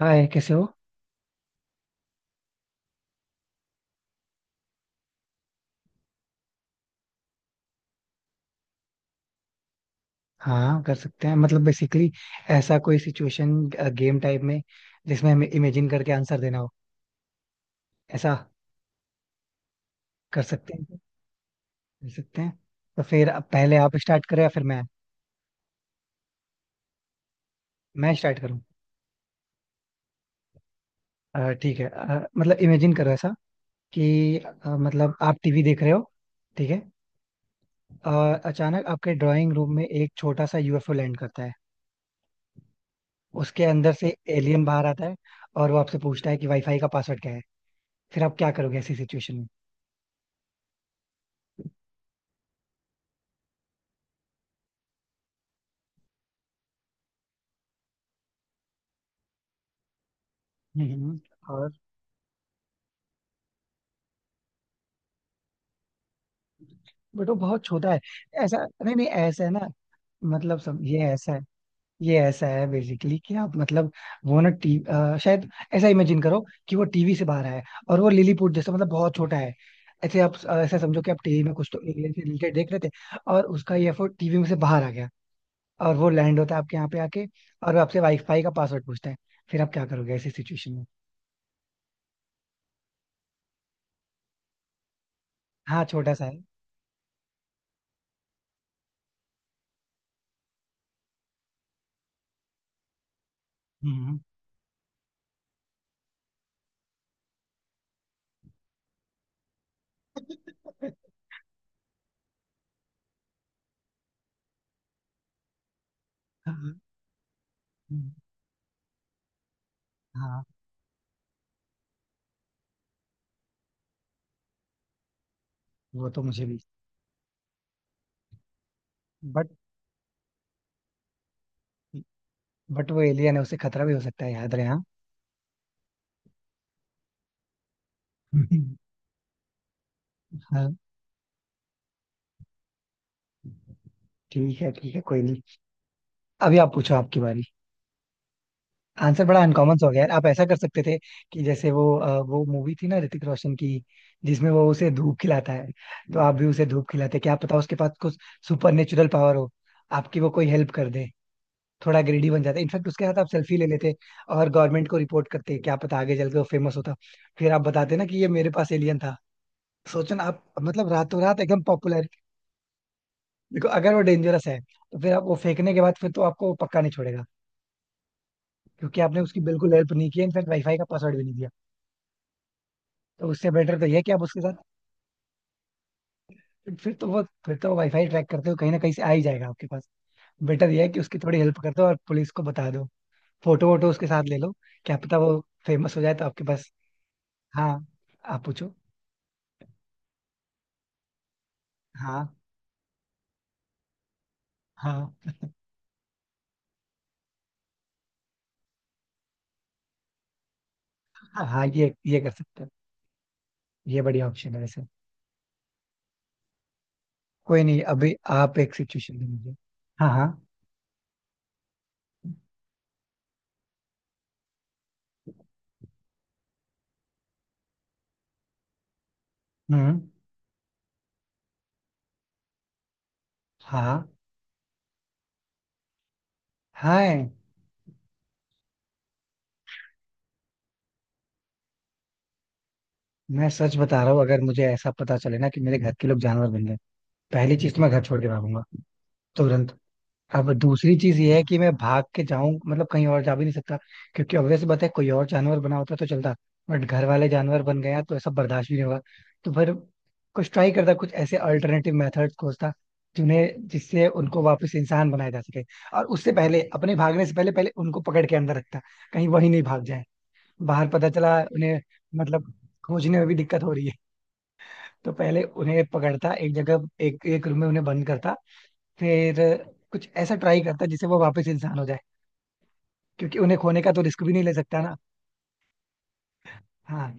हाँ, ये कैसे हो? हाँ, कर सकते हैं। मतलब बेसिकली, ऐसा कोई सिचुएशन गेम टाइप में जिसमें हमें इमेजिन करके आंसर देना हो, ऐसा? कर सकते हैं, कर सकते हैं। तो फिर अब पहले आप स्टार्ट करो या फिर मैं स्टार्ट करूँ? ठीक है। मतलब इमेजिन करो ऐसा कि मतलब आप टीवी देख रहे हो, ठीक है? और अचानक आपके ड्राइंग रूम में एक छोटा सा यूएफओ लैंड करता है। उसके अंदर से एलियन बाहर आता है और वो आपसे पूछता है कि वाईफाई का पासवर्ड क्या है। फिर आप क्या करोगे ऐसी सिचुएशन में? हम्म। हम्म। बट वो बहुत छोटा है। ऐसा नहीं नहीं, ऐसा है ना। मतलब सब ये ऐसा है, ये ऐसा है बेसिकली कि आप मतलब, वो ना शायद ऐसा इमेजिन करो कि वो टीवी से बाहर है और वो लिलीपुट जैसा मतलब बहुत छोटा है। ऐसे आप ऐसा समझो कि आप टीवी में कुछ तो एलियन से रिलेटेड देख रहे थे और उसका ये एफर्ट टीवी में से बाहर आ गया और वो लैंड होता है आपके यहाँ पे आके। और वो आपसे वाईफाई का पासवर्ड पूछता है। फिर आप क्या करोगे ऐसी सिचुएशन में? हाँ, छोटा सा है। हम्म। हाँ। हम्म। हाँ। वो तो मुझे भी। बट बट वो एलियन है, उसे खतरा भी हो सकता है, याद रहे। हाँ। हाँ, ठीक है, ठीक है, कोई नहीं। अभी आप पूछो, आपकी बारी। आंसर बड़ा अनकॉमन सा हो गया यार। आप ऐसा कर सकते थे कि जैसे वो वो मूवी थी ना ऋतिक रोशन की जिसमें वो उसे धूप खिलाता है, तो आप भी उसे धूप खिलाते। क्या पता उसके पास कुछ सुपर नेचुरल पावर हो, आपकी वो कोई हेल्प कर दे। थोड़ा ग्रेडी बन जाता, इनफैक्ट उसके साथ आप सेल्फी ले लेते और गवर्नमेंट को रिपोर्ट करते। क्या पता आगे चल के वो फेमस होता, फिर आप बताते ना कि ये मेरे पास एलियन था। सोचो ना, आप मतलब रातों रात एकदम। देखो, अगर वो डेंजरस है तो फिर आप वो फेंकने के बाद फिर तो आपको वो पक्का नहीं छोड़ेगा क्योंकि आपने उसकी बिल्कुल हेल्प नहीं की, इनफैक्ट वाईफाई का पासवर्ड भी नहीं दिया। तो उससे बेटर तो ये है कि आप उसके साथ, फिर तो वो वाईफाई ट्रैक करते हो कहीं ना कहीं से आ ही जाएगा आपके पास। बेटर ये है कि उसकी थोड़ी हेल्प कर दो और पुलिस को बता दो, फोटो वोटो उसके साथ ले लो। क्या पता वो फेमस हो जाए तो आपके पास। हाँ, आप पूछो। हाँ, हाँ, हाँ। हाँ, ये कर सकते हो। ये बढ़िया ऑप्शन है वैसे। कोई नहीं, अभी आप एक सिचुएशन दीजिए। हाँ, हाँ। हम्म। हाँ, हाँ। मैं सच बता रहा हूँ, अगर मुझे ऐसा पता चले ना कि मेरे घर के लोग जानवर बन गए, पहली चीज तो मैं घर छोड़ के भागूंगा तुरंत। अब दूसरी चीज ये है कि मैं भाग के जाऊं मतलब कहीं और जा भी नहीं सकता क्योंकि ऑब्वियस बात है, कोई और जानवर बना होता तो चलता, बट घर वाले जानवर बन गया तो ऐसा बर्दाश्त भी नहीं होगा। तो फिर कुछ ट्राई करता, कुछ ऐसे अल्टरनेटिव मेथड्स खोजता जिन्हें जिससे उनको वापस इंसान बनाया जा सके। और उससे पहले, अपने भागने से पहले पहले उनको पकड़ के अंदर रखता कहीं वही नहीं भाग जाए बाहर, पता चला उन्हें। मतलब खोजने में भी दिक्कत हो रही है। तो पहले उन्हें पकड़ता, एक जगह एक एक रूम में उन्हें बंद करता। फिर कुछ ऐसा ट्राई करता जिससे वो वापस इंसान हो जाए क्योंकि उन्हें खोने का तो रिस्क भी नहीं ले सकता ना। हाँ,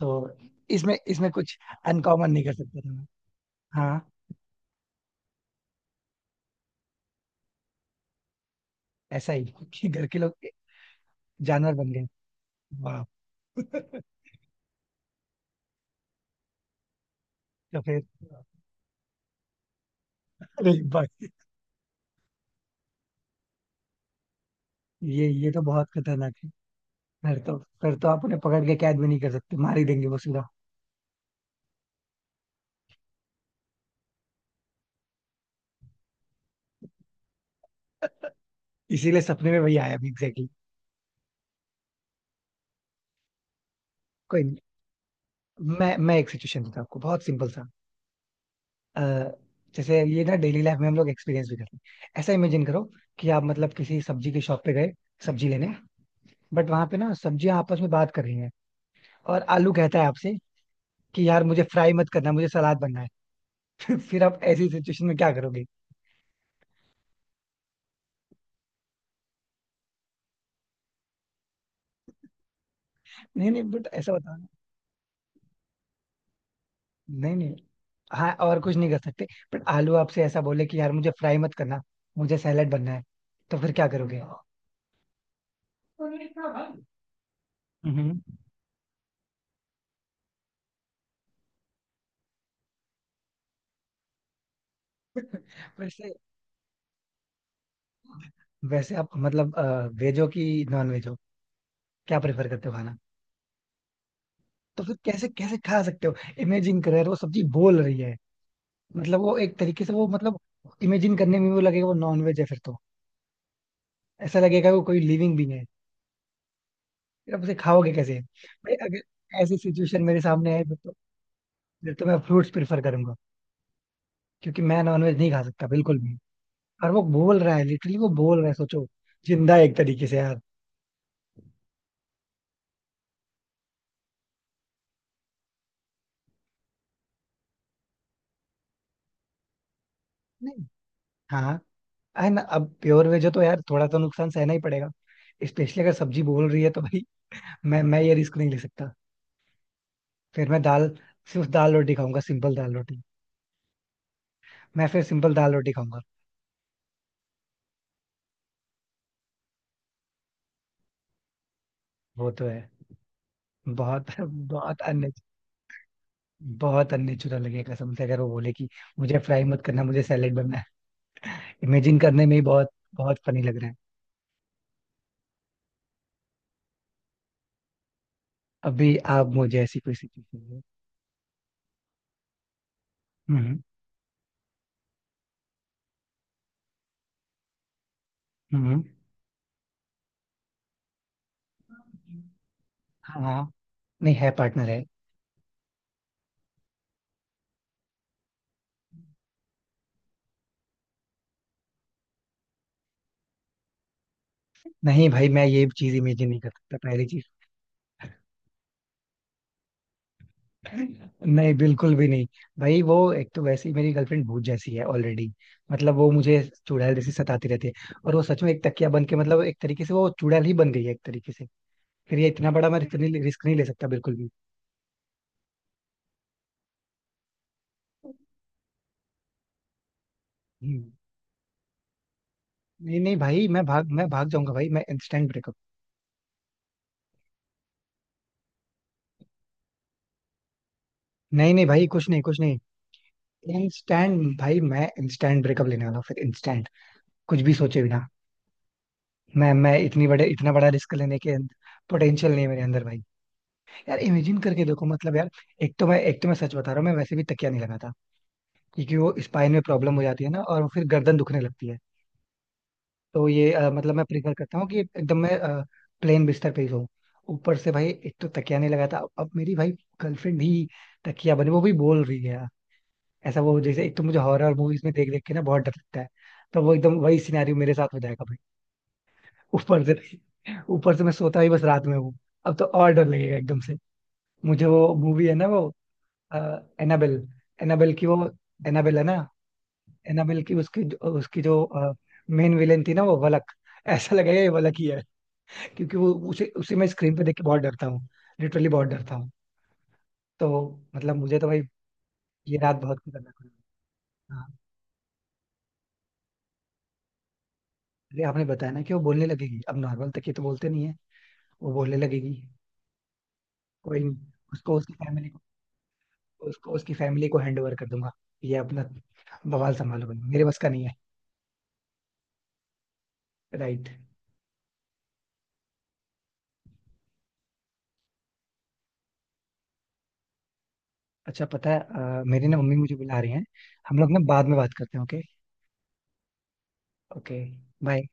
तो इसमें इसमें कुछ अनकॉमन नहीं कर सकता था मैं। हाँ, ऐसा ही, कि घर के लोग जानवर बन गए। वाह। तो फिर, अरे भाई, ये तो बहुत खतरनाक है। फिर तो, फिर तो आप उन्हें पकड़ के कैद भी नहीं कर सकते, मार ही देंगे वो सीधा। इसीलिए सपने में वही आया भी एग्जैक्टली। कोई नहीं, मैं एक सिचुएशन देता हूँ आपको बहुत सिंपल सा। अ, जैसे ये ना डेली लाइफ में हम लोग एक्सपीरियंस भी करते हैं। ऐसा इमेजिन करो कि आप मतलब किसी सब्जी की शॉप पे गए सब्जी लेने, बट वहां पे ना सब्जियां आपस में बात कर रही हैं और आलू कहता है आपसे कि यार मुझे फ्राई मत करना, मुझे सलाद बनना है। फिर आप ऐसी सिचुएशन में क्या करोगे? नहीं नहीं, बट ऐसा बताओ ना। नहीं नहीं, हाँ और कुछ नहीं कर सकते। बट आलू आपसे ऐसा बोले कि यार मुझे फ्राई मत करना, मुझे सैलेड बनना है, तो फिर क्या करोगे? हम्म। वैसे, वैसे आप मतलब, वेजो की नॉन वेज, क्या प्रेफर करते हो खाना? तो फिर कैसे, कैसे खा सकते हो? इमेजिन करो यार, वो सब्जी बोल रही है। मतलब वो एक तरीके से, वो मतलब इमेजिन करने में वो लगेगा वो नॉन वेज है, फिर तो ऐसा लगेगा वो कोई लिविंग बींग है। फिर आप उसे खाओगे कैसे भाई, अगर ऐसी सिचुएशन मेरे सामने आए फिर तो, फिर तो मैं फ्रूट्स प्रेफर करूंगा क्योंकि मैं नॉन वेज नहीं खा सकता बिल्कुल भी। और वो बोल रहा है लिटरली, वो बोल रहा है, सोचो, जिंदा है एक तरीके से यार। नहीं, हाँ, है ना, अब प्योर वेज हो तो यार थोड़ा तो नुकसान सहना ही पड़ेगा। स्पेशली अगर सब्जी बोल रही है तो भाई मैं ये रिस्क नहीं ले सकता। फिर मैं दाल, सिर्फ दाल रोटी खाऊंगा, सिंपल दाल रोटी। मैं फिर सिंपल दाल रोटी खाऊंगा। वो तो है। बहुत बहुत अन्य, बहुत अननेचुरल लगेगा कसम से अगर वो बोले कि मुझे फ्राई मत करना, मुझे सैलेड बनना है। इमेजिन करने में ही बहुत बहुत फनी लग रहा है। अभी आप मुझे ऐसी कोई सिचुएशन। हम्म। हम्म। हाँ, हाँ। नहीं है, पार्टनर है। नहीं भाई, मैं ये चीज इमेजिन नहीं कर सकता, पहली चीज। नहीं, बिल्कुल भी नहीं। भाई, वो एक तो वैसे ही मेरी गर्लफ्रेंड भूत जैसी है ऑलरेडी। मतलब वो मुझे चुड़ैल जैसी सताती रहती है और वो सच में एक तकिया बन के मतलब एक तरीके से वो चुड़ैल ही बन गई है एक तरीके से। फिर ये इतना बड़ा मैं रिस्क नहीं ले सकता बिल्कुल भी। हम्म। नहीं नहीं भाई, मैं भाग जाऊंगा, भाई मैं इंस्टेंट ब्रेकअप। नहीं नहीं भाई, कुछ नहीं कुछ नहीं। इंस्टेंट, भाई मैं इंस्टेंट ब्रेकअप लेने वाला हूँ फिर इंस्टेंट, कुछ भी सोचे बिना। मैं इतनी बड़े इतना बड़ा रिस्क लेने के पोटेंशियल नहीं है मेरे अंदर भाई। यार इमेजिन करके देखो मतलब यार, एक तो मैं सच बता रहा हूँ, मैं वैसे भी तकिया नहीं लगाता क्योंकि वो स्पाइन में प्रॉब्लम हो जाती है ना, और फिर गर्दन दुखने लगती है। तो ये मतलब मैं प्रीफर करता हूँ कि एकदम मैं प्लेन बिस्तर पे ही सोऊं। ऊपर से भाई, एक तो तकिया नहीं लगाता, अब मेरी भाई गर्लफ्रेंड ही तकिया बने, वो भी बोल रही है यार। ऐसा वो जैसे, एक तो मुझे हॉरर मूवीज में देख देख के ना बहुत डर लगता है, तो वो एकदम वही सिनेरियो मेरे साथ हो जाएगा भाई। ऊपर से ऊपर से मैं सोता ही बस रात में हूँ, अब तो और डर लगेगा एकदम से। मुझे वो मूवी है ना वो, एनाबेल, एनाबेल की वो, एनाबेल है ना, एनाबेल की उसकी, उसकी जो मेन विलेन थी ना वो वलक, ऐसा लगा ये वलक ही है। क्योंकि वो उसे उसे मैं स्क्रीन पे देख के बहुत डरता हूँ, लिटरली बहुत डरता हूँ। तो मतलब मुझे तो भाई, ये रात बहुत खतरनाक हुई। हाँ। अरे आपने बताया ना कि वो बोलने लगेगी, अब नॉर्मल तक ये तो बोलते नहीं है, वो बोलने लगेगी। कोई नहीं। उसको उसकी फैमिली को उसको उसकी फैमिली को हैंड ओवर कर दूंगा। ये अपना बवाल संभालो भाई, मेरे बस का नहीं है। राइट। अच्छा पता है, मेरी ना मम्मी मुझे बुला रही हैं, हम लोग ना बाद में बात करते हैं, ओके? ओके। बाय।